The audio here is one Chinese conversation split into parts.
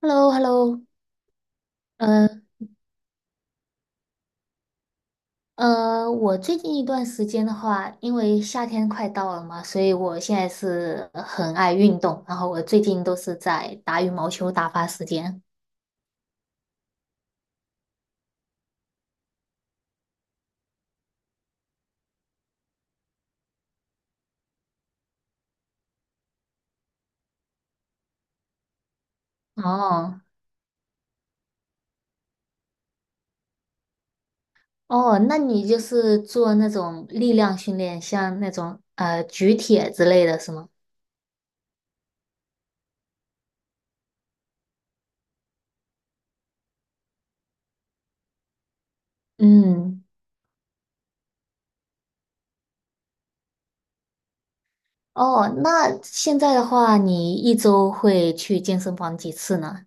Hello，Hello，嗯我最近一段时间的话，因为夏天快到了嘛，所以我现在是很爱运动，然后我最近都是在打羽毛球打发时间。哦哦，那你就是做那种力量训练，像那种举铁之类的是吗？嗯，哦，那现在的话，你一周会去健身房几次呢？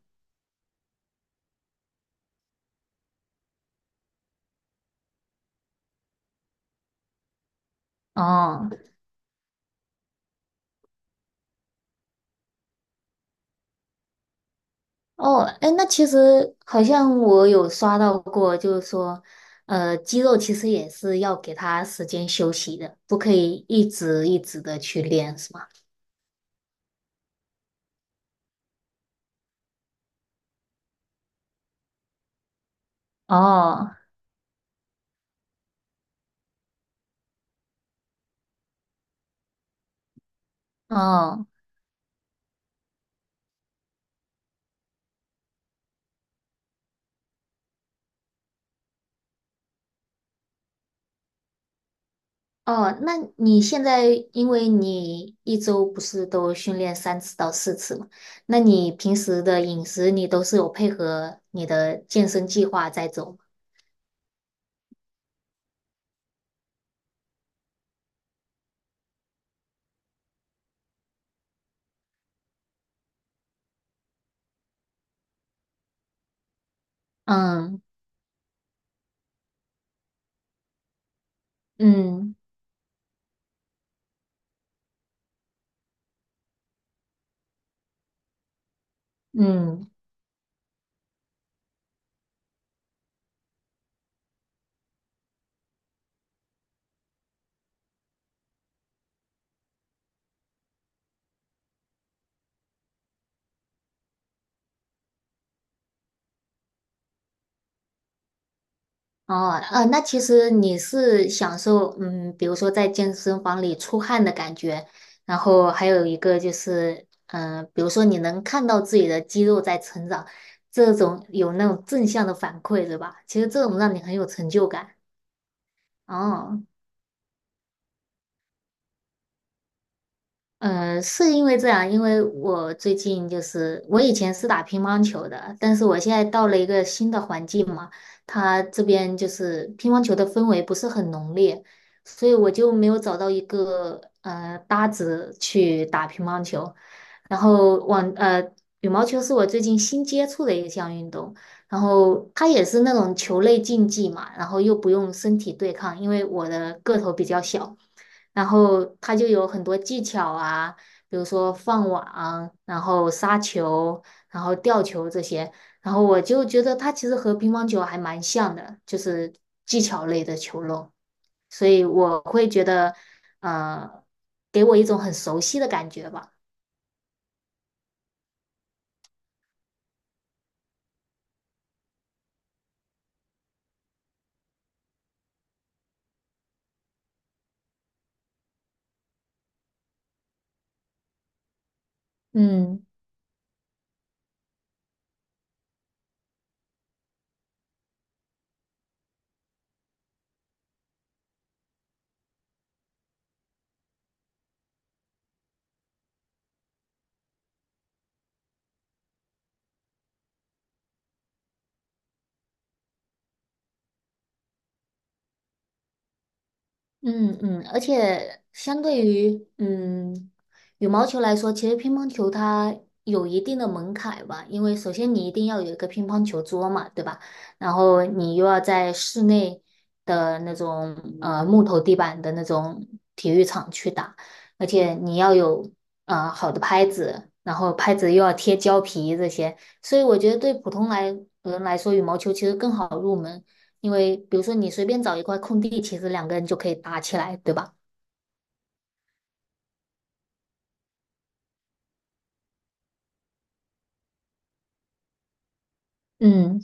哦。哦，哎，那其实好像我有刷到过，就是说，肌肉其实也是要给它时间休息的，不可以一直一直的去练，是吗？哦，哦，哦，那你现在因为你一周不是都训练三次到四次嘛，那你平时的饮食你都是有配合你的健身计划在走吗？嗯嗯嗯。哦，那其实你是享受，嗯，比如说在健身房里出汗的感觉，然后还有一个就是，比如说你能看到自己的肌肉在成长，这种有那种正向的反馈，对吧？其实这种让你很有成就感。哦，嗯，是因为这样，因为我最近就是我以前是打乒乓球的，但是我现在到了一个新的环境嘛，他这边就是乒乓球的氛围不是很浓烈，所以我就没有找到一个搭子去打乒乓球。然后羽毛球是我最近新接触的一项运动，然后它也是那种球类竞技嘛，然后又不用身体对抗，因为我的个头比较小。然后它就有很多技巧啊，比如说放网，然后杀球，然后吊球这些。然后我就觉得它其实和乒乓球还蛮像的，就是技巧类的球类，所以我会觉得，呃，给我一种很熟悉的感觉吧。嗯。嗯嗯，而且相对于羽毛球来说，其实乒乓球它有一定的门槛吧，因为首先你一定要有一个乒乓球桌嘛，对吧？然后你又要在室内的那种木头地板的那种体育场去打，而且你要有好的拍子，然后拍子又要贴胶皮这些，所以我觉得对普通人来说，羽毛球其实更好入门。因为比如说你随便找一块空地，其实两个人就可以打起来，对吧？嗯。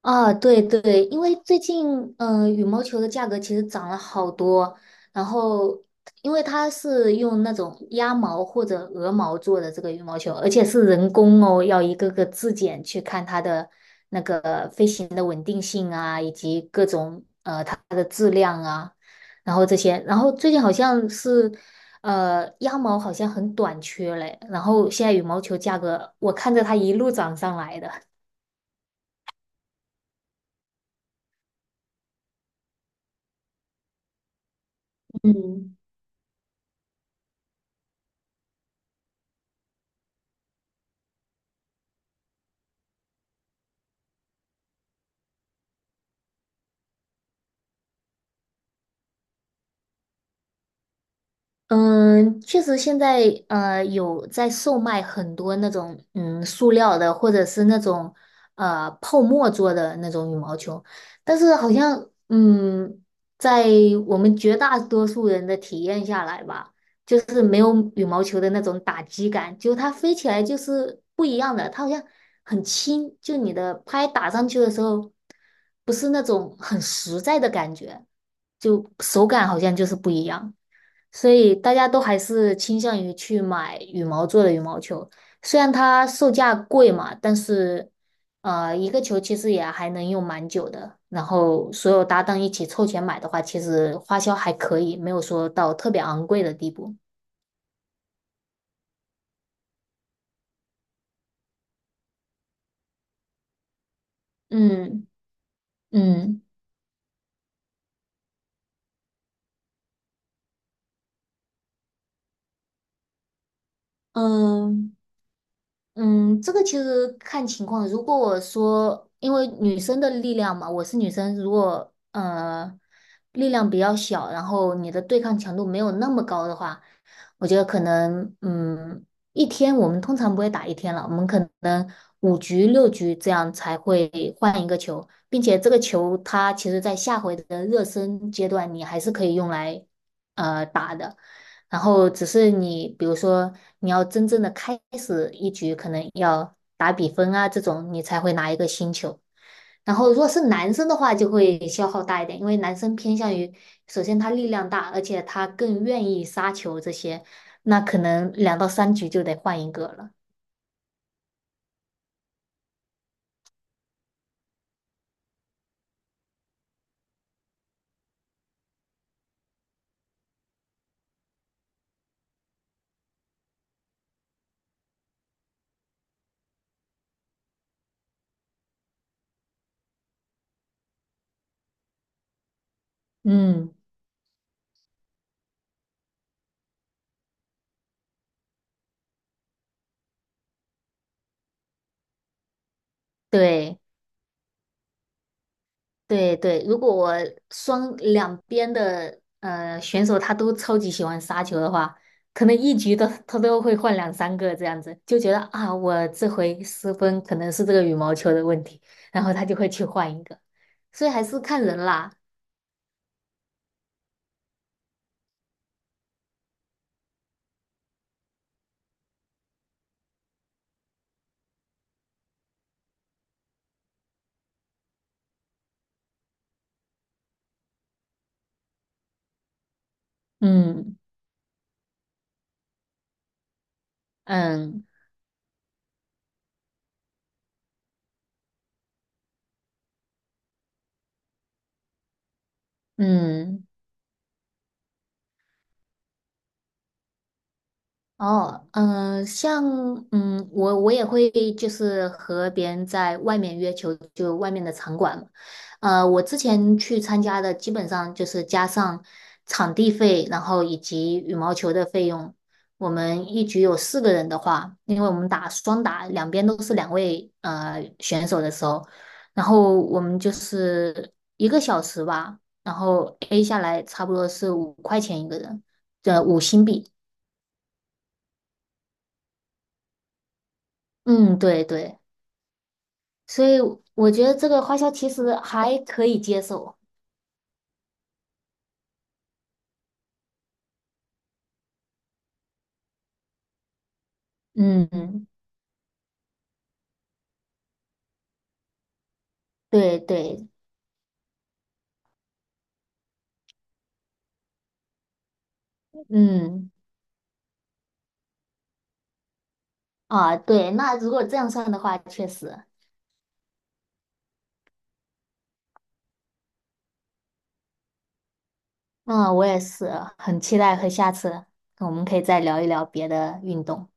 啊，对对，因为最近羽毛球的价格其实涨了好多，然后因为它是用那种鸭毛或者鹅毛做的这个羽毛球，而且是人工哦，要一个个质检去看它的那个飞行的稳定性啊，以及各种它的质量啊，然后这些，然后最近好像是鸭毛好像很短缺嘞，然后现在羽毛球价格我看着它一路涨上来的。嗯。嗯，确实现在有在售卖很多那种塑料的或者是那种泡沫做的那种羽毛球，但是好像在我们绝大多数人的体验下来吧，就是没有羽毛球的那种打击感，就它飞起来就是不一样的，它好像很轻，就你的拍打上去的时候，不是那种很实在的感觉，就手感好像就是不一样。所以大家都还是倾向于去买羽毛做的羽毛球，虽然它售价贵嘛，但是一个球其实也还能用蛮久的。然后所有搭档一起凑钱买的话，其实花销还可以，没有说到特别昂贵的地步。嗯嗯。嗯，嗯，这个其实看情况。如果我说，因为女生的力量嘛，我是女生，如果力量比较小，然后你的对抗强度没有那么高的话，我觉得可能一天我们通常不会打一天了，我们可能五局六局这样才会换一个球，并且这个球它其实在下回的热身阶段你还是可以用来打的。然后只是你，比如说你要真正的开始一局，可能要打比分啊这种，你才会拿一个星球。然后如果是男生的话，就会消耗大一点，因为男生偏向于，首先他力量大，而且他更愿意杀球这些，那可能两到三局就得换一个了。嗯，对。对对，如果我两边的选手他都超级喜欢杀球的话，可能一局都他都会换两三个这样子，就觉得啊，我这回失分可能是这个羽毛球的问题，然后他就会去换一个，所以还是看人啦。嗯嗯嗯。哦，像我也会就是和别人在外面约球，就外面的场馆嘛。我之前去参加的基本上就是加上场地费，然后以及羽毛球的费用。我们一局有四个人的话，因为我们打双打，两边都是两位选手的时候，然后我们就是一个小时吧，然后 A 下来差不多是5块钱一个人，5新币。嗯，对对。所以我觉得这个花销其实还可以接受。嗯，对对，嗯啊，对，那如果这样算的话，确实，嗯，我也是很期待和下次我们可以再聊一聊别的运动。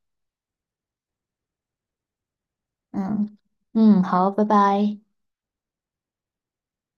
嗯嗯，好，拜拜。